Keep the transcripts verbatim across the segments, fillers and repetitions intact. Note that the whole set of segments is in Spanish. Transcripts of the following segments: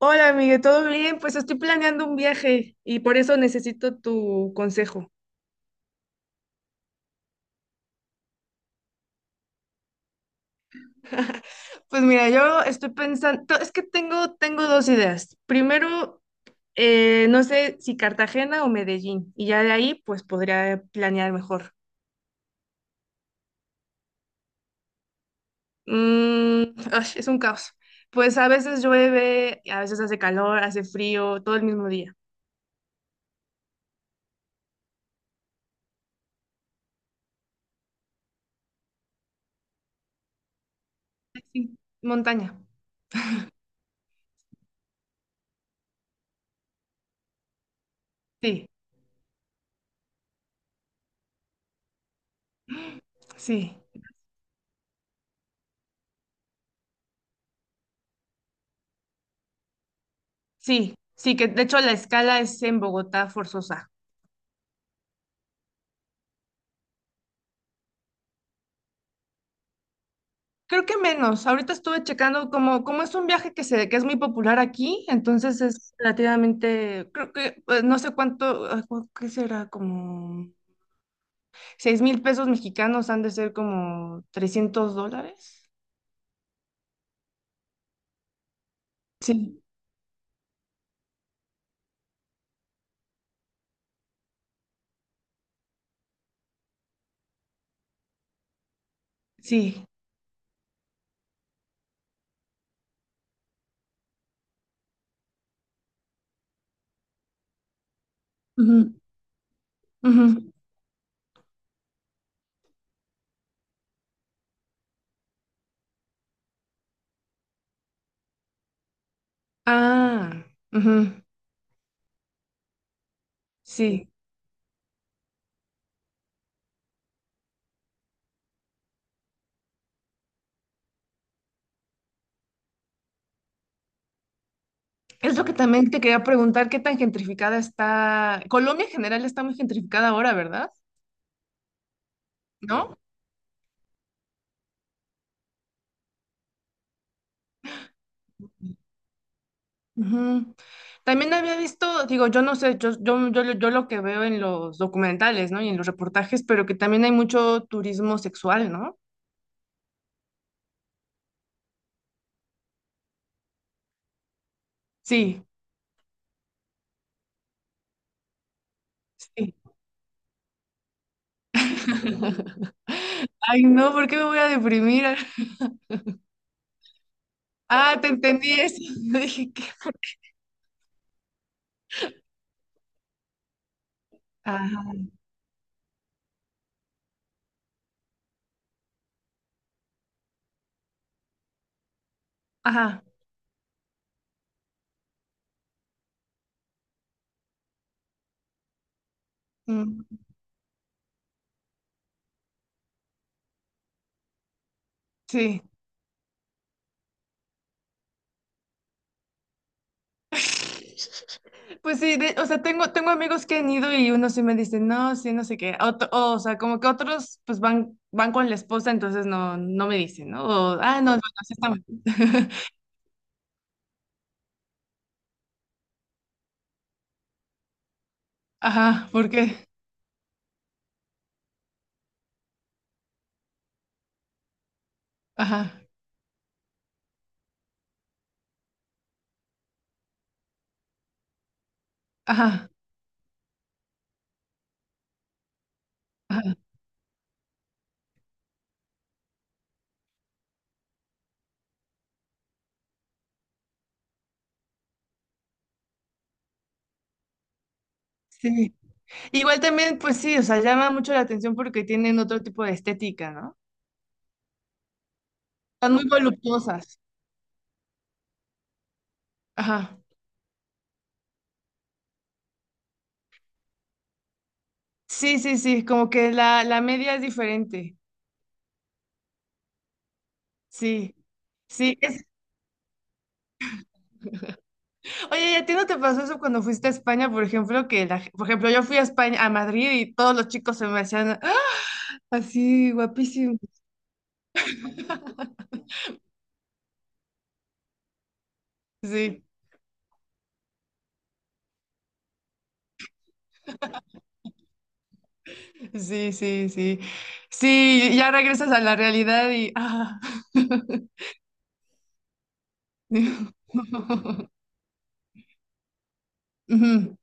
Hola, amiga, ¿todo bien? Pues estoy planeando un viaje y por eso necesito tu consejo. Pues mira, yo estoy pensando, es que tengo, tengo dos ideas. Primero, eh, no sé si Cartagena o Medellín, y ya de ahí pues podría planear mejor. Mm, ay, es un caos. Pues a veces llueve, a veces hace calor, hace frío, todo el mismo día. Sí, montaña. Sí, sí, sí, sí, que de hecho la escala es en Bogotá forzosa. Creo que menos. Ahorita estuve checando como, como es un viaje que se, que es muy popular aquí, entonces es relativamente, creo que pues, no sé cuánto, ay, cu- ¿qué será? Como seis mil pesos mexicanos han de ser como trescientos dólares. Sí, sí. Ujú, ujú. Ah, ujú, sí. Es lo que también te quería preguntar, ¿qué tan gentrificada está? Colombia en general está muy gentrificada ahora, ¿verdad? ¿No? Ujú. También había visto, digo, yo no sé, yo, yo, yo, lo yo lo que veo en los documentales, ¿no? Y en los reportajes, pero que también hay mucho turismo sexual, ¿no? Sí, sí. Ay, no, ¿por qué me voy a deprimir? Ah, te entendí eso. Dije que... Ajá, ajá. Mm, sí. Pues sí, de- o sea, tengo, tengo amigos que han ido y unos sí me dicen, no, sí, no sé qué. Otro- o sea, como que otros pues van, van con la esposa, entonces no, no me dicen, ¿no? O, ah, no, bueno, así estamos. Ajá, ¿por qué? Ajá, ajá, ajá. Sí. Igual también, pues sí, o sea, llama mucho la atención porque tienen otro tipo de estética, ¿no? Están muy voluptuosas. Ajá. Sí, sí, sí, como que la, la media es diferente. Sí. Sí, es... Oye, ¿y a ti no te pasó eso cuando fuiste a España, por ejemplo, que la... por ejemplo, yo fui a España, a Madrid y todos los chicos se me hacían ¡ah! Así guapísimos. Sí, sí, sí, sí. Sí, ya regresas a la realidad y ah. Ujú.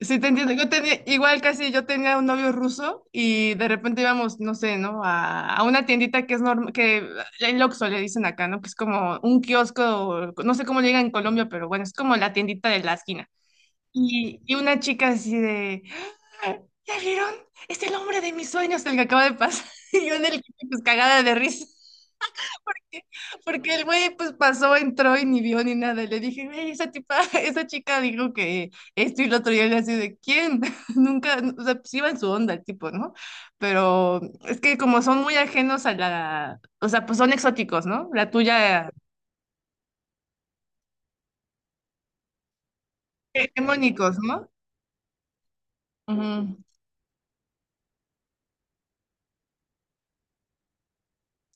Sí, te entiendo. Yo tenía, igual casi yo tenía un novio ruso y de repente íbamos, no sé, ¿no? A, a una tiendita que es normal, que el Oxxo le dicen acá, ¿no? Que es como un kiosco, no sé cómo le digan en Colombia, pero bueno, es como la tiendita de la esquina. Y, y una chica así de, "Ah, ¿ya vieron? Es el hombre de mis sueños el que acaba de pasar." Y yo en el, pues cagada de risa. Porque el güey pues pasó, entró y ni vio ni nada. Le dije, güey, esa tipa, esa chica dijo que esto y lo otro. Y él así de, ¿quién? Nunca, o sea, pues iba en su onda el tipo, ¿no? Pero es que como son muy ajenos a la, o sea, pues son exóticos, ¿no? La tuya, eh, hegemónicos, ¿no? Ujú.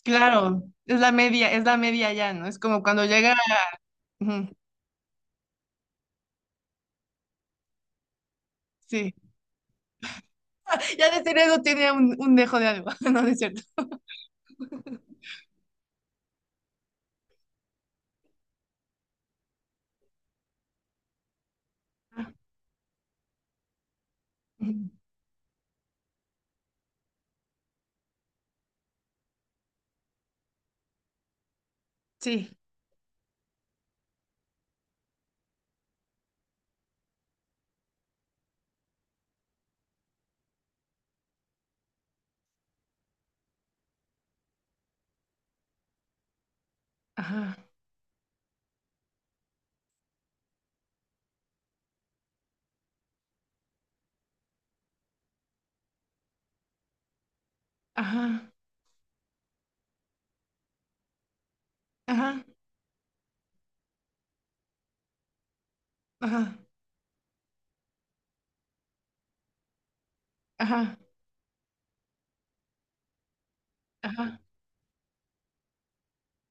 Claro, es la media, es la media ya, ¿no? Es como cuando llega, ujú, sí. Ya de ser eso tiene un, un dejo de algo, ¿no? No es cierto. Ujú. Sí. Ajá, ajá, ajá, ajá. Ajá, ajá,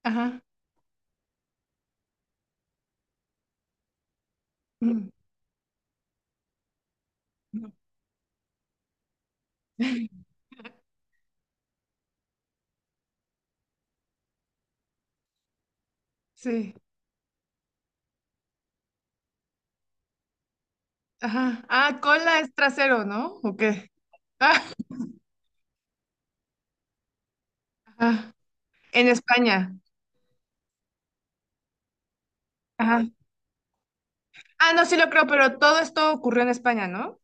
ajá. Mm, mm, sí, ajá. Ah, cola es trasero, ¿no? ¿O qué? Ajá. En España. Ajá. Ah, no, sí lo creo, pero todo esto ocurrió en España, ¿no?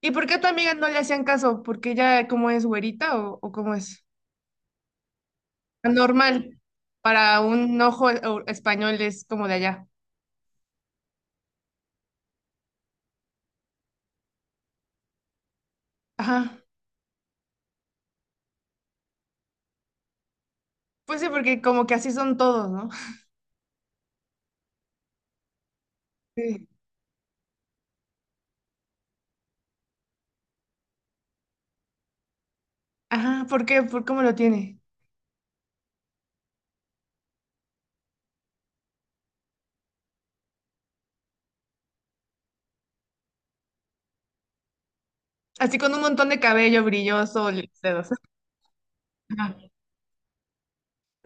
¿Y por qué a tu amiga no le hacían caso? ¿Porque ella cómo es güerita o, o cómo es? Normal. Para un ojo e- o- español es como de allá. Ajá. Pues sí, porque como que así son todos, ¿no? Sí. Ajá, ¿por qué? ¿Por cómo lo tiene? Así con un montón de cabello brilloso, los dedos.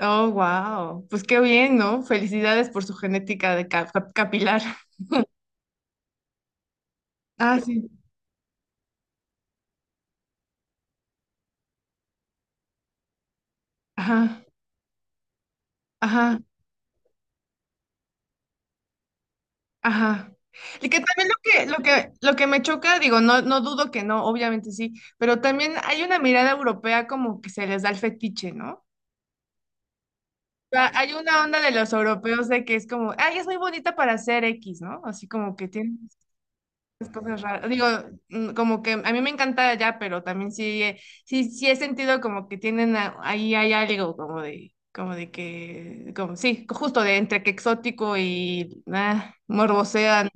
Oh, wow. Pues qué bien, ¿no? Felicidades por su genética de cap- cap- capilar. Ah, sí. Ajá, ajá, ajá. Y que también lo que, lo que, lo que me choca, digo, no, no dudo que no, obviamente sí, pero también hay una mirada europea como que se les da el fetiche, ¿no? O sea, hay una onda de los europeos de que es como, ay, es muy bonita para ser X, ¿no? Así como que tiene las cosas raras. Digo, mm, como que a mí me encanta allá, pero también sí, eh, sí, sí, he sentido como que tienen a- ahí hay algo como de, como de que, como sí, justo de entre que exótico y ah, morbosean.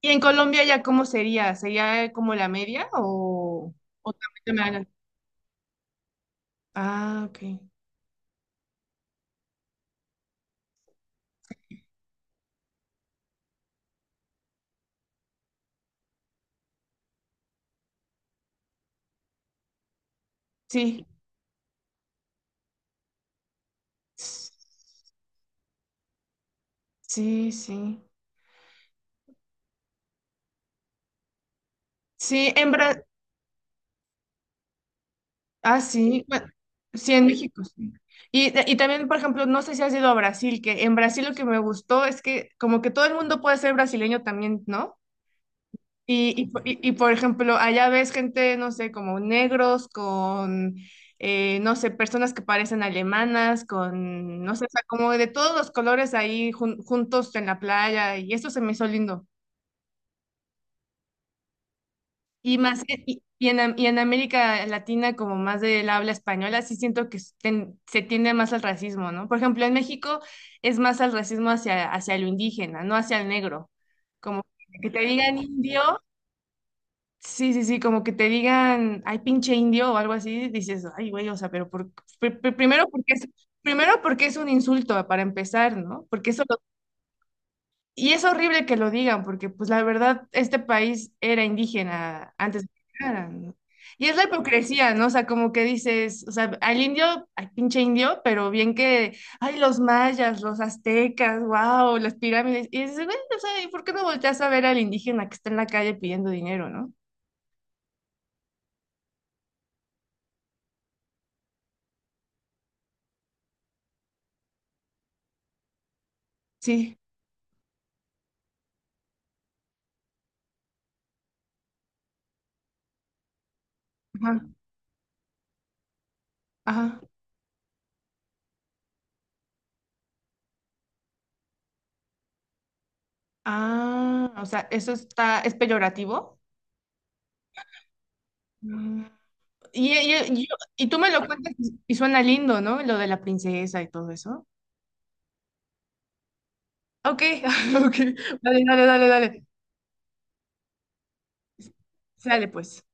¿Y en Colombia ya cómo sería? ¿Sería como la media o, o también te me hagan? Ah, ok. Sí. Sí, sí. Sí, en, Bra- Ah, sí, bueno, sí, en México, sí. Y, y también, por ejemplo, no sé si has ido a Brasil, que en Brasil lo que me gustó es que como que todo el mundo puede ser brasileño también, ¿no? Y, y, por y- y, por ejemplo, allá ves gente, no sé, como negros, con, eh, no sé, personas que parecen alemanas, con, no sé, o sea, como de todos los colores ahí jun- juntos en la playa, y eso se me hizo lindo. Y más que, y, y en, Am- y en América Latina, como más del habla española, sí siento que s- ten- se tiende más al racismo, ¿no? Por ejemplo, en México es más al racismo hacia, hacia lo indígena, no hacia el negro. Como que te digan indio, sí, sí, sí, como que te digan, ay, pinche indio o algo así, dices, ay, güey, o sea, pero por, pr- pr- primero porque es, primero porque es un insulto para empezar, ¿no? Porque eso y es horrible que lo digan, porque pues la verdad, este país era indígena antes de que llegaran, ¿no? Y es la hipocresía, ¿no? O sea, como que dices, o sea, al indio, al pinche indio, pero bien que, ay, los mayas, los aztecas, wow, las pirámides. Y dices, güey, o sea, ¿y por qué no volteas a ver al indígena que está en la calle pidiendo dinero, ¿no? Sí. Ajá, ajá. Ah, o sea, eso está, es peyorativo. Mm. Y, y, y- y tú me lo cuentas y y suena lindo, ¿no? Lo de la princesa y todo eso. Ok, ok. Dale, dale, dale, dale. Sale pues.